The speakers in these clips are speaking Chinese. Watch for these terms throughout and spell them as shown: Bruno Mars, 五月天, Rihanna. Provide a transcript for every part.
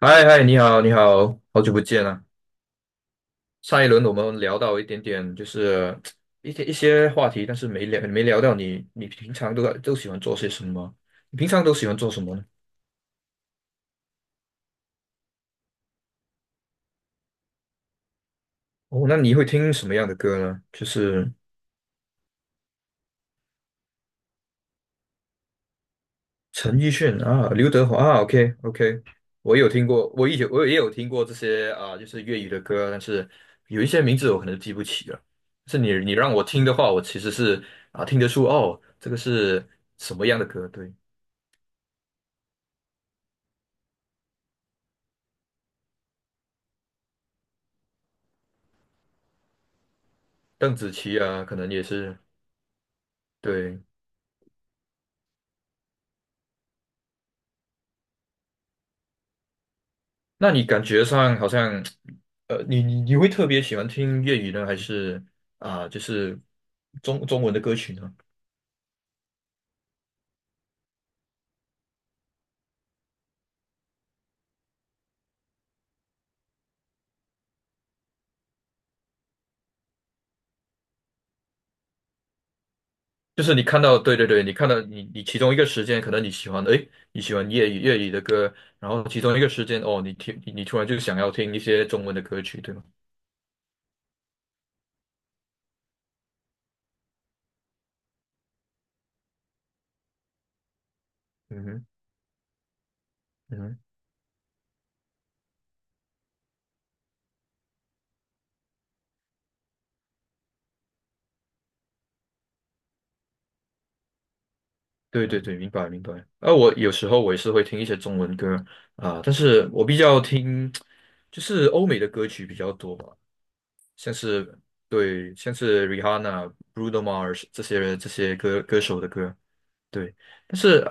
嗨嗨，你好，你好，好久不见啊！上一轮我们聊到一点点，就是一些话题，但是没聊到你，你平常都喜欢做些什么？你平常都喜欢做什么呢？哦，那你会听什么样的歌呢？就是陈奕迅啊，刘德华啊，OK OK，我有听过，我以前我也有听过这些啊，就是粤语的歌，但是有一些名字我可能记不起了。但是你让我听的话，我其实是听得出哦，这个是什么样的歌？对。邓紫棋啊，可能也是。对，那你感觉上好像，你会特别喜欢听粤语呢，还是就是中文的歌曲呢？就是你看到，对对对，你看到你其中一个时间，可能你喜欢，诶，你喜欢粤语的歌，然后其中一个时间，哦，你听你突然就想要听一些中文的歌曲，对吗？嗯哼，嗯哼，对对对，明白明白。啊，我有时候我也是会听一些中文歌但是我比较听就是欧美的歌曲比较多吧。像是对，像是 Rihanna、Bruno Mars 这些人这些歌手的歌，对。但是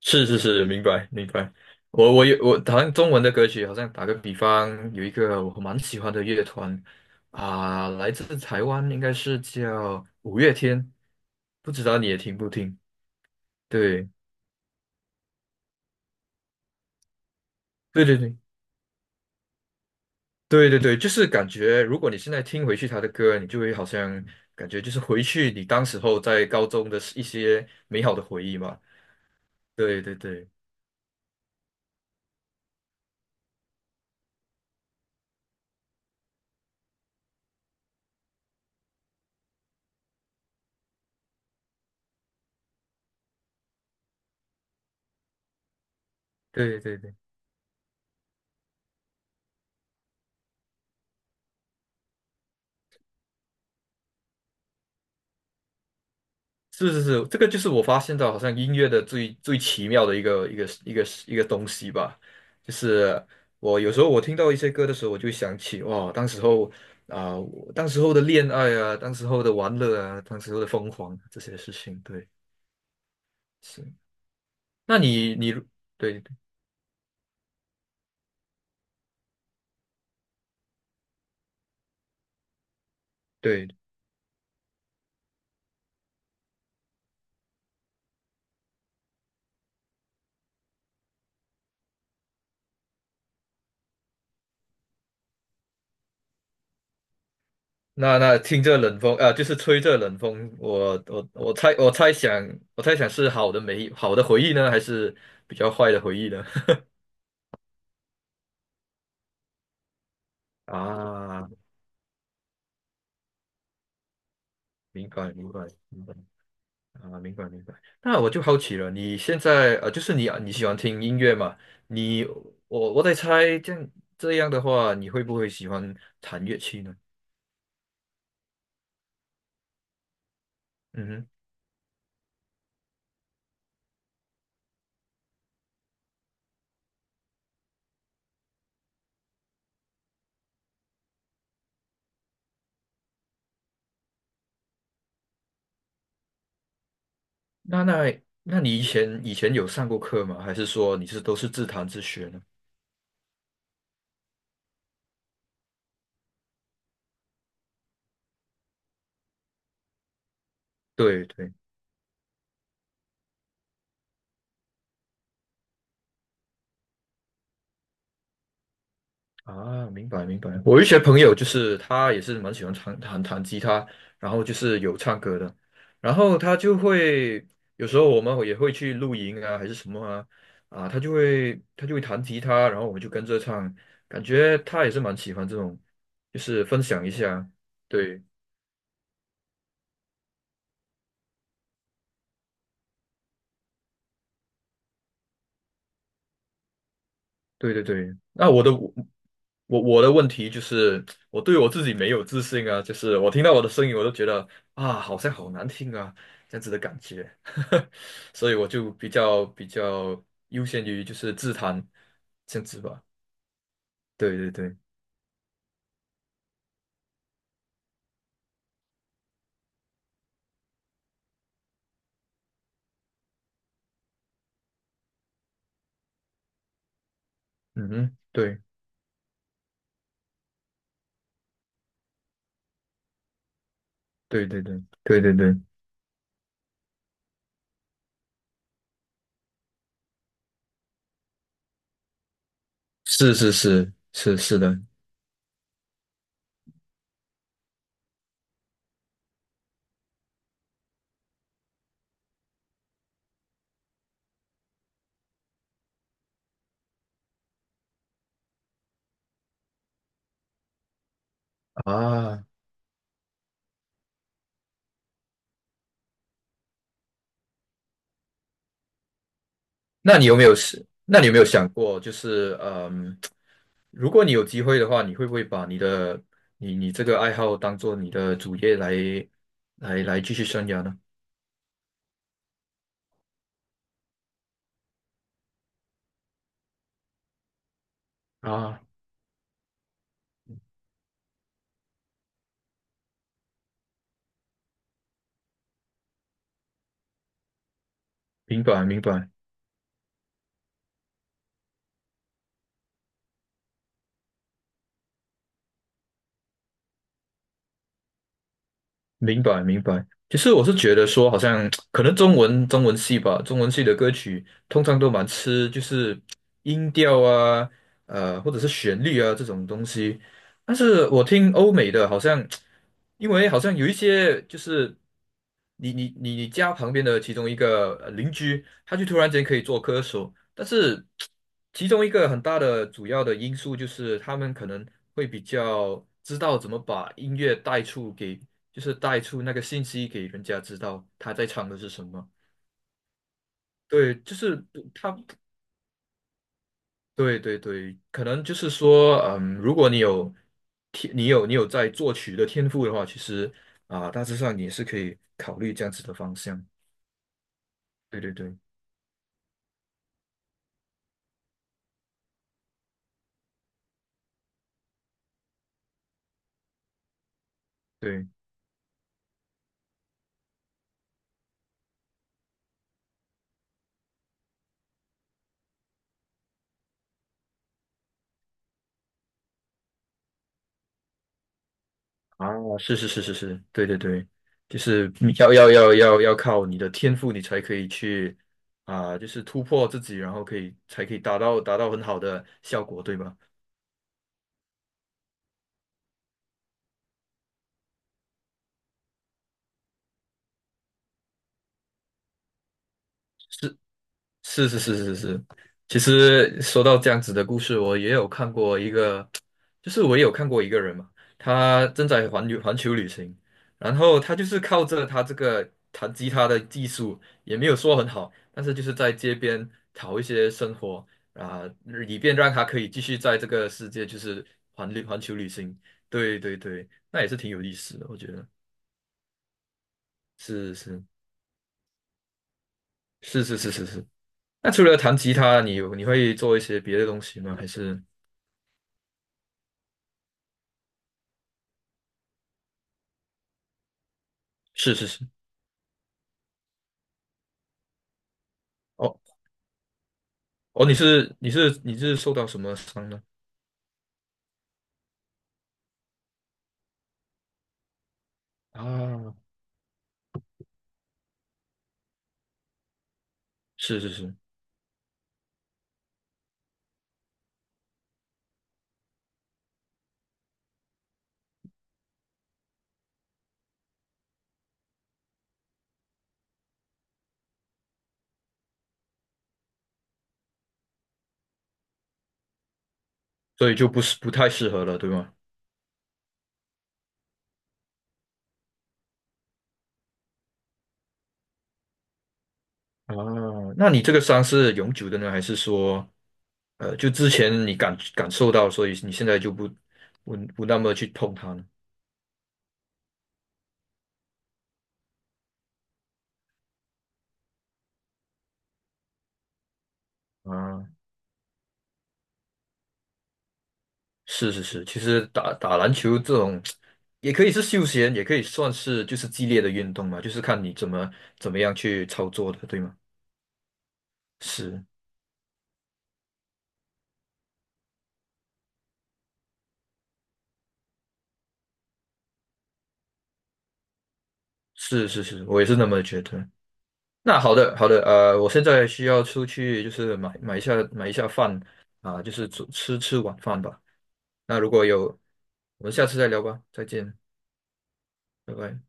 是是是，明白明白。我好像中文的歌曲，好像打个比方，有一个我蛮喜欢的乐团来自台湾，应该是叫五月天，不知道你也听不听？对对对对对对对，就是感觉，如果你现在听回去他的歌，你就会好像感觉就是回去你当时候在高中的一些美好的回忆嘛。对对对对对对，是是是，这个就是我发现到好像音乐的最最奇妙的一个东西吧，就是我有时候我听到一些歌的时候，我就想起哇，当时候我当时候的恋爱啊，当时候的玩乐啊，当时候的疯狂啊这些事情，对，是。那你你对对，那那听这冷风啊、就是吹这冷风，我猜我猜想我猜想是好的美好的回忆呢，还是比较坏的回忆呢？啊，明白明白明白啊，明白明白。那我就好奇了，你现在就是你啊你喜欢听音乐嘛？你我在猜，这样这样的话，你会不会喜欢弹乐器呢？嗯哼，那你以前以前有上过课吗？还是说你是都是自弹自学呢？对对。啊，明白明白。我有一些朋友就是他也是蛮喜欢弹吉他，然后就是有唱歌的，然后他就会有时候我们也会去露营啊，还是什么啊，啊，他就会他就会弹吉他，然后我们就跟着唱，感觉他也是蛮喜欢这种，就是分享一下，对。对对对，那我的我的问题就是，我对我自己没有自信啊，就是我听到我的声音，我都觉得啊，好像好难听啊，这样子的感觉，所以我就比较优先于就是自弹这样子吧。对对对，嗯哼，对对对对对对对，是是是是是的啊。那你有没有是？那你有没有想过，就是嗯，如果你有机会的话，你会不会把你的你这个爱好当做你的主业来继续生涯呢？啊，明白明白。明白明白。其实我是觉得说，好像可能中文系吧，中文系的歌曲通常都蛮吃就是音调啊，呃，或者是旋律啊这种东西。但是我听欧美的，好像因为好像有一些就是你家旁边的其中一个邻居，他就突然间可以做歌手，但是其中一个很大的主要的因素就是他们可能会比较知道怎么把音乐带出给。就是带出那个信息给人家知道他在唱的是什么。对，就是他，对对对，可能就是说，嗯，如果你有天，你有在作曲的天赋的话，其实啊，大致上你也是可以考虑这样子的方向。对对对对，啊，是是是是是，对对对，就是你要靠你的天赋，你才可以去啊，就是突破自己，然后才可以达到很好的效果，对吧？是是是是是，其实说到这样子的故事，我也有看过一个，就是我也有看过一个人嘛，他正在环球旅行，然后他就是靠着他这个弹吉他的技术，也没有说很好，但是就是在街边讨一些生活啊，以便让他可以继续在这个世界就是环球旅行。对对对，那也是挺有意思的，我觉得是是是是是是是。那除了弹吉他，你有你会做一些别的东西吗？还是？是是是，哦哦，你是受到什么伤呢？啊，是是是，所以就不是不太适合了，对吗？啊，那你这个伤是永久的呢，还是说，呃，就之前你感感受到，所以你现在就不那么去碰它呢？啊，是是是，其实打篮球这种也可以是休闲，也可以算是就是激烈的运动嘛，就是看你怎么样去操作的，对吗？是是是是，我也是那么觉得。那好的，好的，呃，我现在需要出去，就是买一下饭啊，就是吃晚饭吧。那如果有，我们下次再聊吧，再见，拜拜。